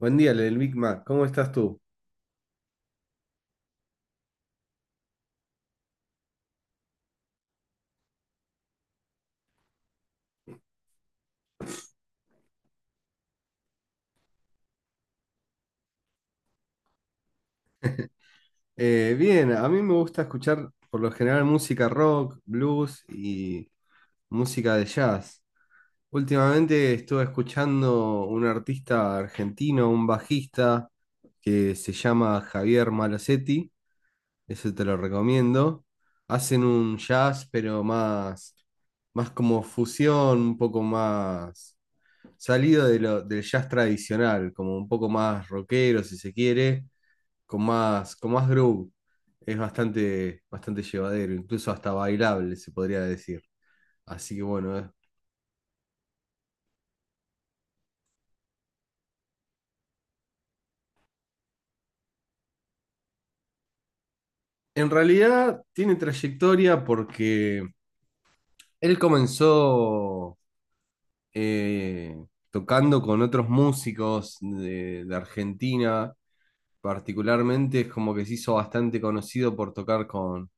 Buen día, el Big Mac. ¿Cómo estás tú? Bien, a mí me gusta escuchar por lo general música rock, blues y música de jazz. Últimamente estuve escuchando un artista argentino, un bajista que se llama Javier Malosetti. Eso te lo recomiendo. Hacen un jazz, pero más, más como fusión, un poco más del jazz tradicional, como un poco más rockero, si se quiere con más groove. Es bastante, bastante llevadero, incluso hasta bailable, se podría decir. Así que bueno, En realidad tiene trayectoria porque él comenzó eh, tocando con otros músicos de Argentina, particularmente es como que se hizo bastante conocido por tocar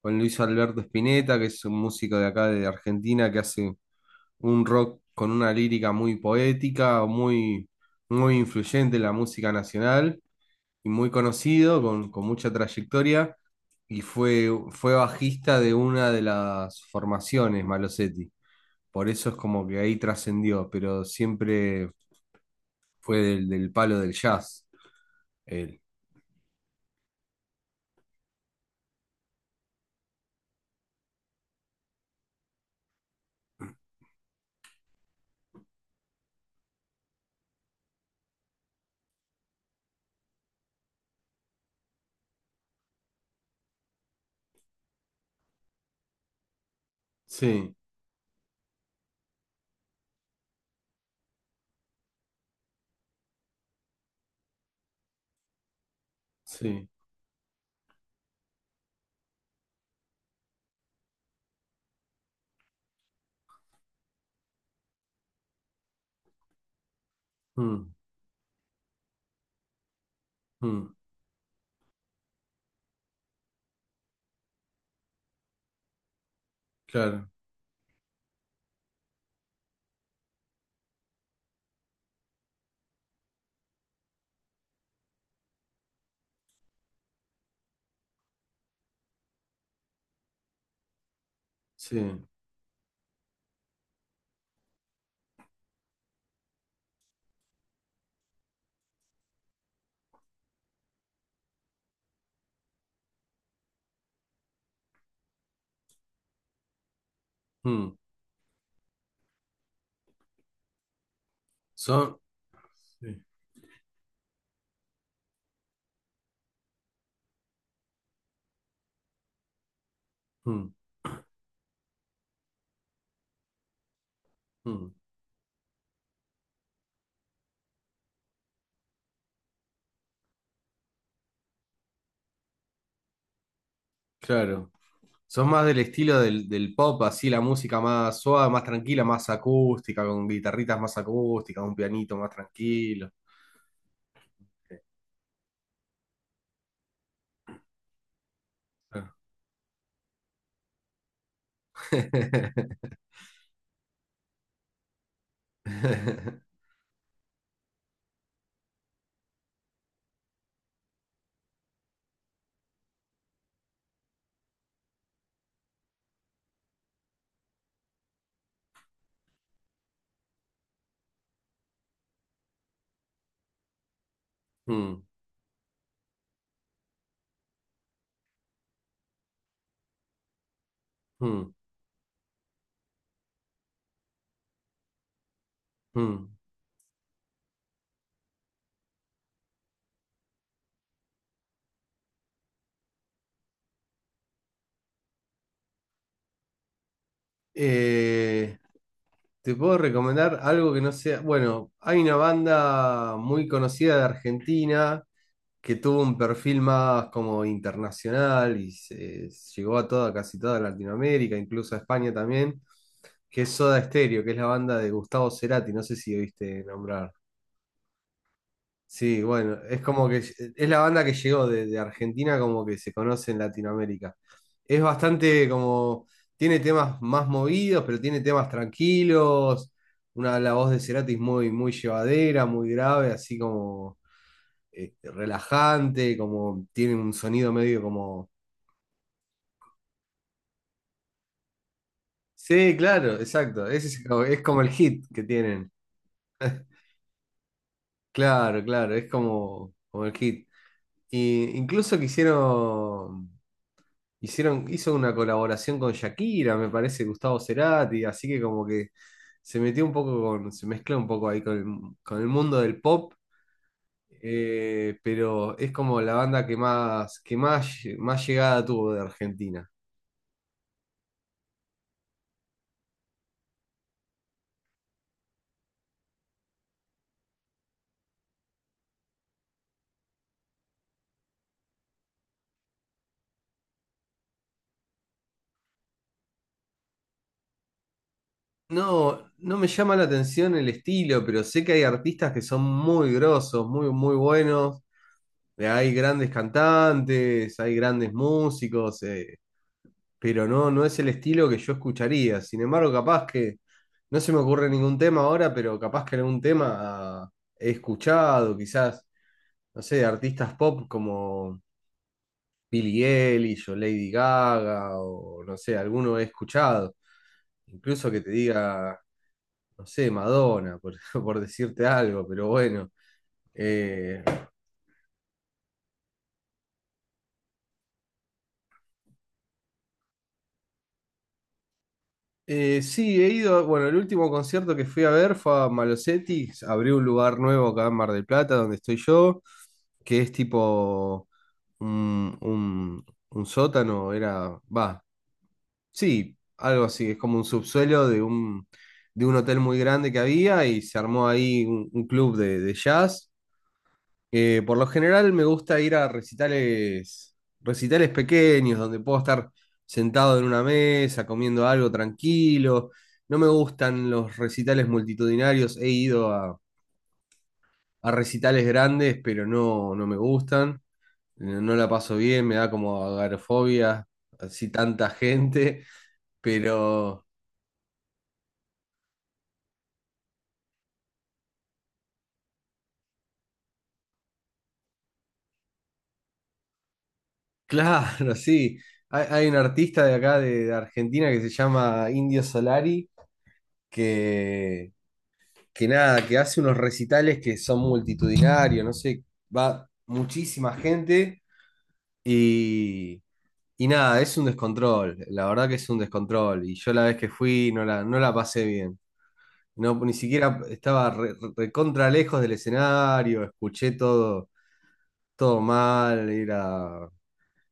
con Luis Alberto Spinetta, que es un músico de acá de Argentina que hace un rock con una lírica muy poética, muy, muy influyente en la música nacional y muy conocido, con mucha trayectoria, y fue bajista de una de las formaciones, Malosetti. Por eso es como que ahí trascendió, pero siempre fue del palo del jazz, él. Sí, sí. mm, mm, claro, sí. mm, son. Sí, mm, mm, claro. Sos más del estilo del pop, así la música más suave, más tranquila, más acústica, con guitarritas más acústicas, un pianito más tranquilo. Mm, mm, mm. Eh, Te puedo recomendar algo que no sea. Bueno, hay una banda muy conocida de Argentina que tuvo un perfil más como internacional y llegó a toda, casi toda Latinoamérica, incluso a España también, que es Soda Stereo, que es la banda de Gustavo Cerati. No sé si oíste nombrar. Sí, bueno, es como que es la banda que llegó de Argentina, como que se conoce en Latinoamérica. Es bastante como, tiene temas más movidos, pero tiene temas tranquilos, una la voz de Cerati es muy, muy llevadera, muy grave, así como relajante, como tiene un sonido medio como. Sí, claro, exacto, es como el hit que tienen. Claro, claro, es como, como el hit. Y incluso quisieron. Hizo una colaboración con Shakira, me parece, Gustavo Cerati, así que como que se mezcla un poco ahí con el mundo del pop, pero es como la banda que más, más llegada tuvo de Argentina. No, no me llama la atención el estilo, pero sé que hay artistas que son muy grosos, muy, muy buenos. Hay grandes cantantes, hay grandes músicos, pero no, no es el estilo que yo escucharía. Sin embargo, capaz que no se me ocurre ningún tema ahora, pero capaz que algún tema ah, he escuchado, quizás, no sé, artistas pop como. Billie Eilish o Lady Gaga o no sé, alguno he escuchado. Incluso que te diga, no sé, Madonna, por, por decirte algo, pero bueno. Eh, sí, he ido, bueno, el último concierto que fui a ver fue a Malosetti, abrió un lugar nuevo acá en Mar del Plata, donde estoy yo, que es tipo un, un sótano, Sí, algo así, es como un subsuelo de un hotel muy grande que había y se armó ahí un club de jazz. Por lo general me gusta ir a recitales, recitales pequeños donde puedo estar sentado en una mesa comiendo algo tranquilo. No me gustan los recitales multitudinarios, he ido a recitales grandes, pero no, no me gustan, no la paso bien, me da como agorafobia así tanta gente, pero. Claro, sí. Hay un artista de acá de Argentina que se llama Indio Solari, que, que nada, que hace unos recitales que son multitudinarios, no sé, va muchísima gente y, y nada, es un descontrol, la verdad que es un descontrol. Y yo la vez que fui no no la pasé bien. No, ni siquiera estaba recontra lejos del escenario, escuché todo, todo mal, era.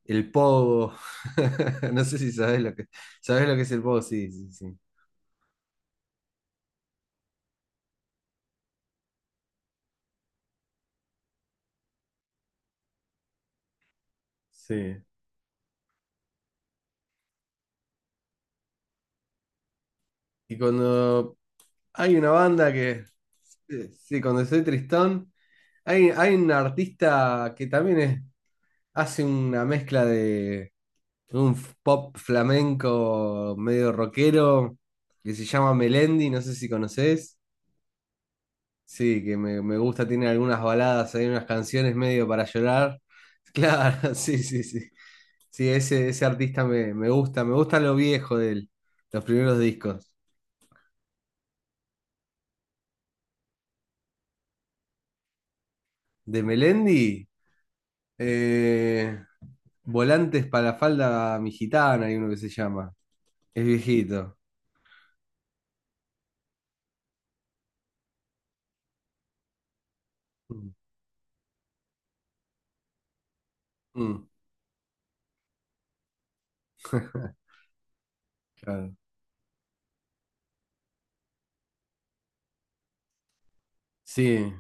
El pogo. No sé si sabes lo que, sabes lo que es el pogo, sí, sí, sí. Sí. Y cuando hay una banda que, sí, sí, cuando estoy tristón, hay un artista que también hace una mezcla de un pop flamenco medio rockero, que se llama Melendi, no sé si conoces. Sí, que me gusta, tiene algunas baladas, hay unas canciones medio para llorar. Claro, sí, sí, sí. Sí, ese artista me, me gusta lo viejo de él, los primeros discos. De Melendi, eh, Volantes para la falda mi gitana, hay uno que se llama. Es viejito. Mm, mm, claro. Sí,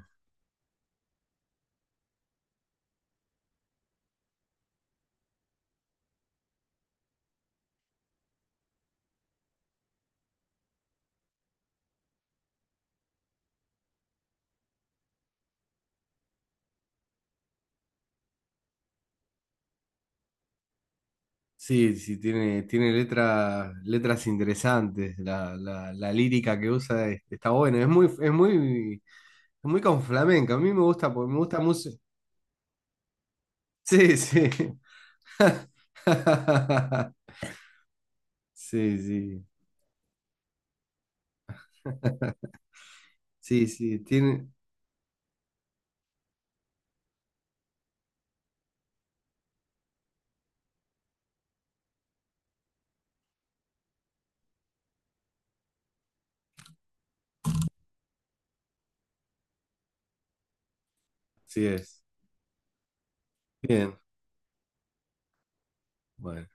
sí, sí, tiene, tiene letras interesantes. La lírica que está buena. Es muy, es muy, es muy con flamenco. A mí me gusta, porque me gusta música. Sí, sí. Sí, sí. Sí, sí, tiene. Sí es. Bien. Bueno.